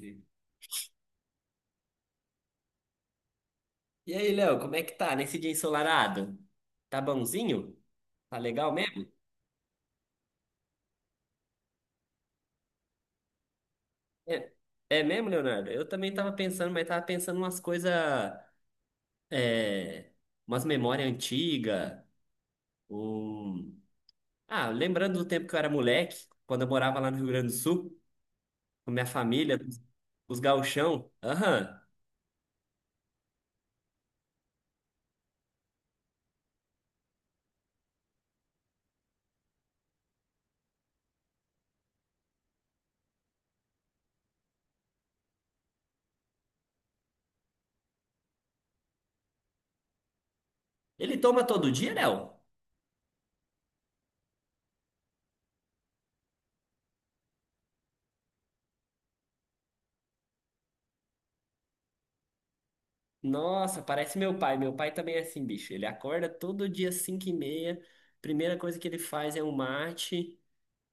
E aí, Léo, como é que tá nesse dia ensolarado? Tá bonzinho? Tá legal mesmo? É, é mesmo, Leonardo? Eu também tava pensando, mas tava pensando umas coisas, é, umas memórias antigas, um... Ah, lembrando do tempo que eu era moleque, quando eu morava lá no Rio Grande do Sul, com minha família, os gauchão. Aham. Ele toma todo dia, Léo? Nossa, parece meu pai. Meu pai também é assim, bicho. Ele acorda todo dia às 5h30, primeira coisa que ele faz é um mate...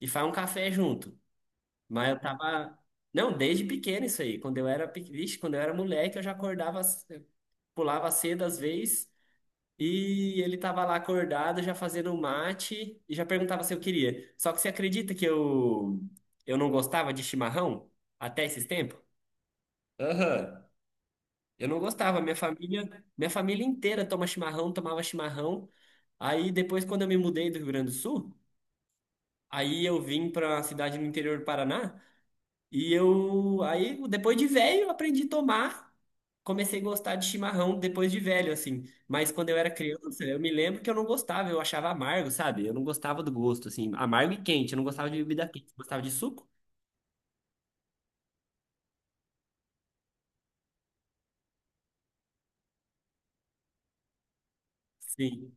e faz um café junto. Mas eu tava. Não, desde pequeno isso aí. Quando eu era, vixe, quando eu era moleque, eu já acordava, pulava cedo às vezes, e ele tava lá acordado, já fazendo um mate, e já perguntava se eu queria. Só que você acredita que eu não gostava de chimarrão até esses tempos? Aham. Eu não gostava, minha família inteira toma chimarrão, tomava chimarrão. Aí depois, quando eu me mudei do Rio Grande do Sul, aí eu vim para a cidade no interior do Paraná. E eu, aí, depois de velho, eu aprendi a tomar. Comecei a gostar de chimarrão depois de velho, assim. Mas quando eu era criança, eu me lembro que eu não gostava, eu achava amargo, sabe? Eu não gostava do gosto, assim. Amargo e quente, eu não gostava de bebida quente. Você gostava de suco? Sim.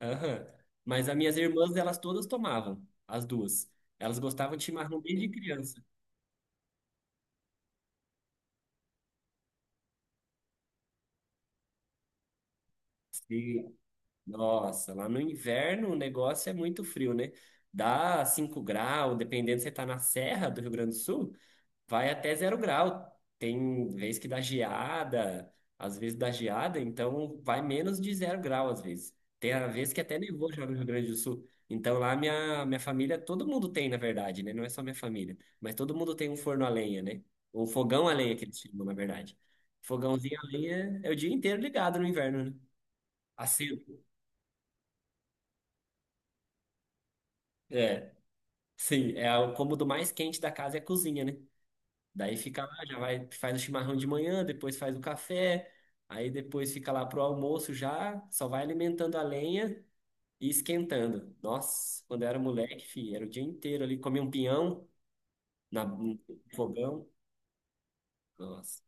Aham. Mas as minhas irmãs, elas todas tomavam, as duas. Elas gostavam de chimarrão desde criança. Sim. Nossa, lá no inverno o negócio é muito frio, né? Dá 5 graus, dependendo se você tá na serra do Rio Grande do Sul. Vai até 0 grau. Tem vez que dá geada, às vezes dá geada, então vai menos de 0 grau às vezes. Tem a vez que até nevou já no Rio Grande do Sul. Então lá minha família, todo mundo tem, na verdade, né? Não é só minha família, mas todo mundo tem um forno a lenha, né? Um fogão a lenha que eles chamam, na verdade. Fogãozinho a lenha é o dia inteiro ligado no inverno, né? Assim, é, sim, é o cômodo mais quente da casa é a cozinha, né? Daí fica lá, já vai, faz o chimarrão de manhã, depois faz o café, aí depois fica lá pro almoço já, só vai alimentando a lenha e esquentando. Nossa, quando eu era moleque, filho, era o dia inteiro ali, comia um pinhão na, no fogão. Nossa.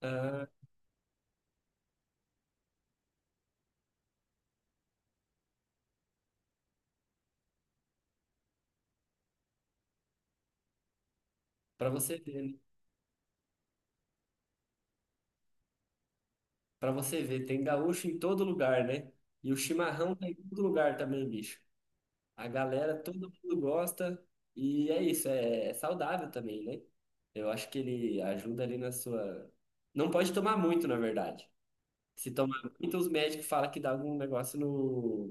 Ah, para você ver, né? Para você ver, tem gaúcho em todo lugar, né? E o chimarrão tá em todo lugar também, bicho. A galera, todo mundo gosta e é isso, é saudável também, né? Eu acho que ele ajuda ali na sua. Não pode tomar muito, na verdade. Se tomar muito, os médicos falam que dá algum negócio no.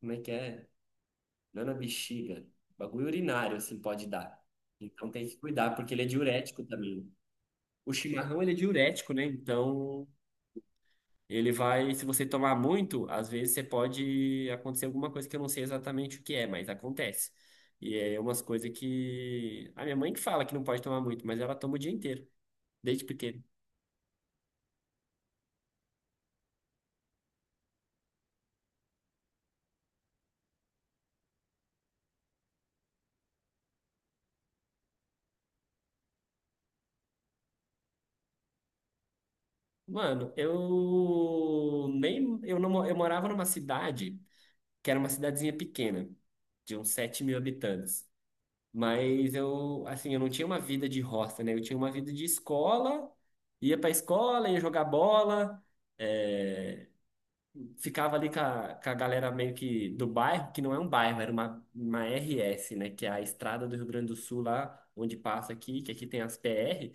Como é que é? Não é na bexiga. Bagulho urinário, assim, pode dar. Então tem que cuidar, porque ele é diurético também. O chimarrão, ele é diurético, né? Então ele vai, se você tomar muito, às vezes você pode acontecer alguma coisa que eu não sei exatamente o que é, mas acontece. E é umas coisas que a minha mãe que fala que não pode tomar muito, mas ela toma o dia inteiro, desde pequeno. Mano, eu nem eu não eu morava numa cidade que era uma cidadezinha pequena, de uns 7 mil habitantes. Mas eu, assim, eu não tinha uma vida de roça, né? Eu tinha uma vida de escola, ia pra escola, ia jogar bola. eh, Ficava ali com a galera meio que do bairro, que não é um bairro, era uma RS, né? Que é a estrada do Rio Grande do Sul, lá onde passa aqui, que aqui tem as PR,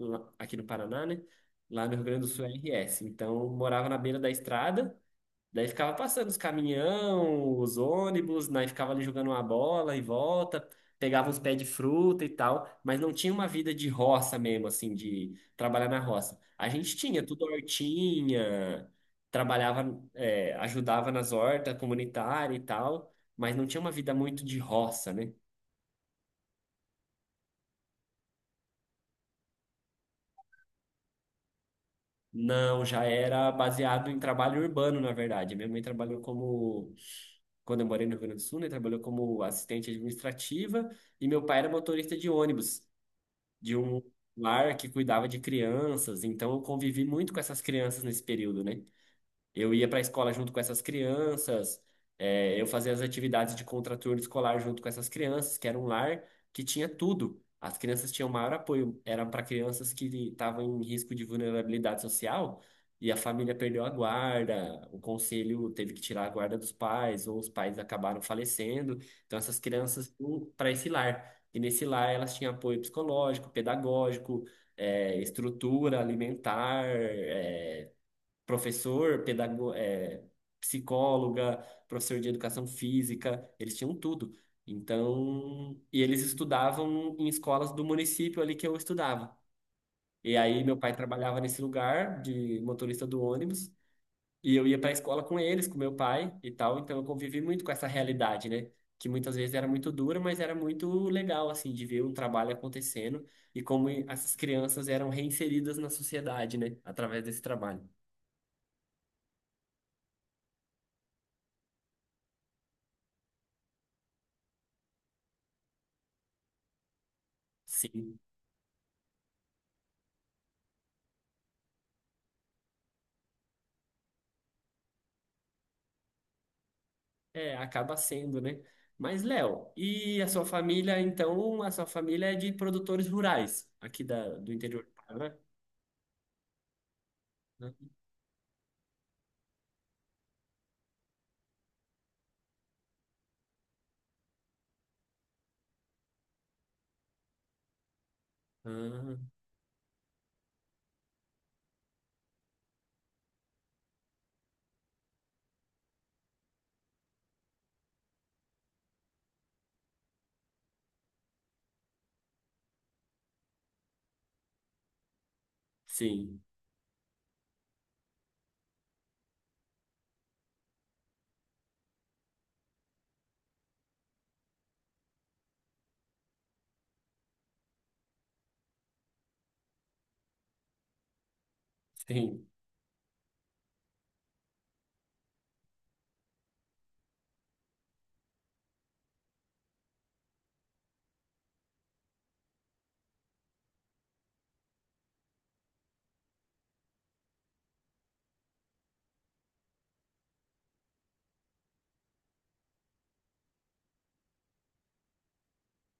aqui no Paraná, né? Lá no Rio Grande do Sul é RS. Então, morava na beira da estrada. Daí ficava passando os caminhão, os ônibus, daí ficava ali jogando uma bola e volta, pegava uns pés de fruta e tal, mas não tinha uma vida de roça mesmo, assim, de trabalhar na roça. A gente tinha tudo hortinha, trabalhava, é, ajudava nas hortas comunitárias e tal, mas não tinha uma vida muito de roça, né? Não, já era baseado em trabalho urbano, na verdade. Minha mãe trabalhou como, quando eu morei no Rio Grande do Sul, né, trabalhou como assistente administrativa e meu pai era motorista de ônibus, de um lar que cuidava de crianças. Então eu convivi muito com essas crianças nesse período, né? Eu ia para a escola junto com essas crianças, é, eu fazia as atividades de contraturno escolar junto com essas crianças, que era um lar que tinha tudo. As crianças tinham maior apoio, era para crianças que estavam em risco de vulnerabilidade social e a família perdeu a guarda, o conselho teve que tirar a guarda dos pais, ou os pais acabaram falecendo. Então, essas crianças para esse lar. E nesse lar elas tinham apoio psicológico, pedagógico, é, estrutura alimentar, professor, psicóloga, professor de educação física, eles tinham tudo. Então, e eles estudavam em escolas do município ali que eu estudava. E aí meu pai trabalhava nesse lugar de motorista do ônibus, e eu ia para a escola com eles, com meu pai e tal, então eu convivi muito com essa realidade, né? Que muitas vezes era muito dura, mas era muito legal, assim, de ver um trabalho acontecendo e como essas crianças eram reinseridas na sociedade, né? Através desse trabalho. Sim. É, acaba sendo, né? Mas, Léo, e a sua família, então, a sua família é de produtores rurais, aqui do interior do Paraná, né? Ah, sim, sim.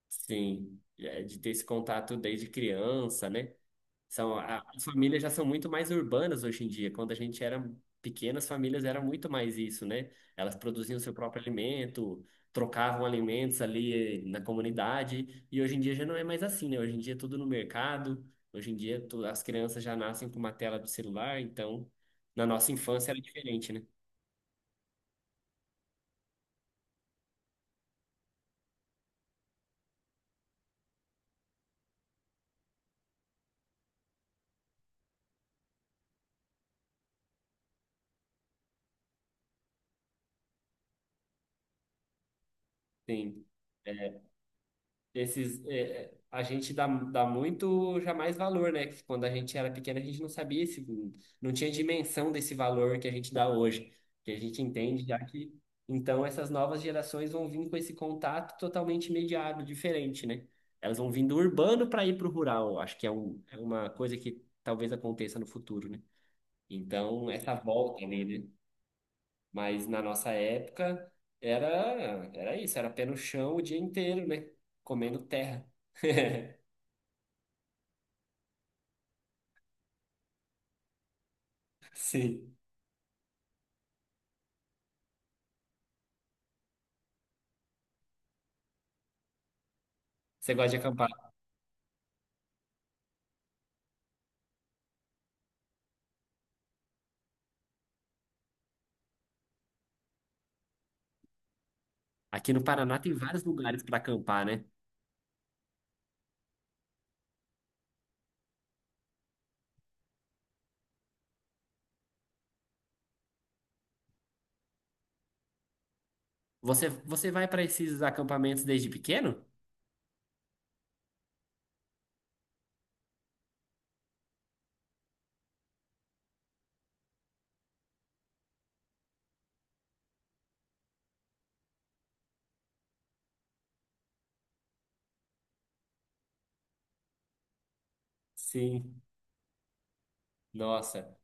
Sim, é, de ter esse contato desde criança, né? São, as famílias já são muito mais urbanas hoje em dia. Quando a gente era pequena, as famílias era muito mais isso, né? Elas produziam seu próprio alimento, trocavam alimentos ali na comunidade. E hoje em dia já não é mais assim, né? Hoje em dia é tudo no mercado. Hoje em dia tu- as crianças já nascem com uma tela do celular. Então, na nossa infância era diferente, né? Sim. Esses, é, a gente dá muito já mais valor, né? Que quando a gente era pequeno, a gente não sabia esse, não tinha dimensão desse valor que a gente dá hoje, que a gente entende já que então essas novas gerações vão vir com esse contato totalmente imediato, diferente, né? Elas vão vir do urbano para ir para o rural, eu acho que é, é uma coisa que talvez aconteça no futuro, né? Então, essa volta, né? Mas na nossa época era, era isso, era pé no chão o dia inteiro, né? Comendo terra. Sim. Você gosta de acampar? Aqui no Paraná tem vários lugares para acampar, né? Você, você vai para esses acampamentos desde pequeno? Sim. Nossa.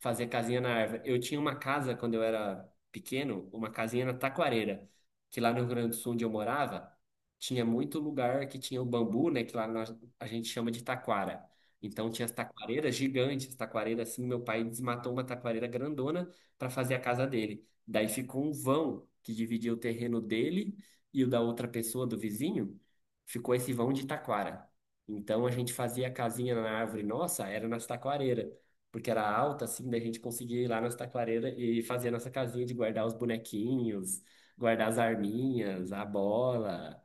Fazer casinha na árvore. Eu tinha uma casa quando eu era pequeno, uma casinha na Taquareira, que lá no Rio Grande do Sul onde eu morava, tinha muito lugar que tinha o bambu, né, que lá a gente chama de taquara. Então tinha as taquareiras gigantes, taquareiras assim, meu pai desmatou uma taquareira grandona para fazer a casa dele. Daí ficou um vão que dividia o terreno dele e o da outra pessoa do vizinho, ficou esse vão de taquara. Então a gente fazia a casinha na árvore nossa, era nas taquareiras porque era alta, assim, daí a gente conseguia ir lá nas taquareiras e fazer a nossa casinha de guardar os bonequinhos, guardar as arminhas, a bola.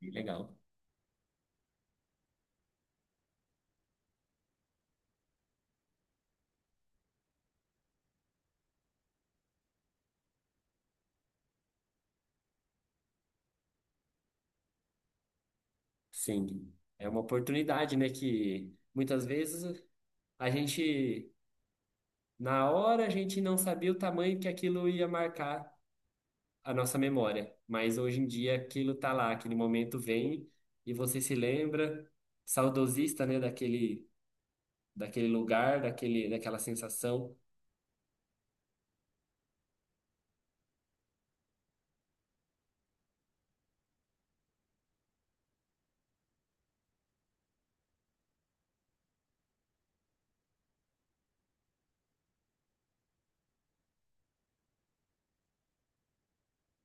Bem legal. Sim, é uma oportunidade, né, que muitas vezes a gente, na hora, a gente não sabia o tamanho que aquilo ia marcar a nossa memória, mas hoje em dia aquilo tá lá, aquele momento vem e você se lembra, saudosista, né, daquele lugar, daquele, daquela sensação.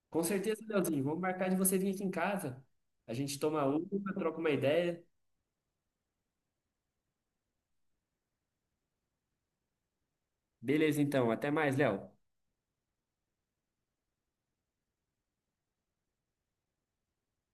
Com certeza, Leozinho. Vamos marcar de você vir aqui em casa. A gente toma uma, troca uma ideia. Beleza, então. Até mais, Léo.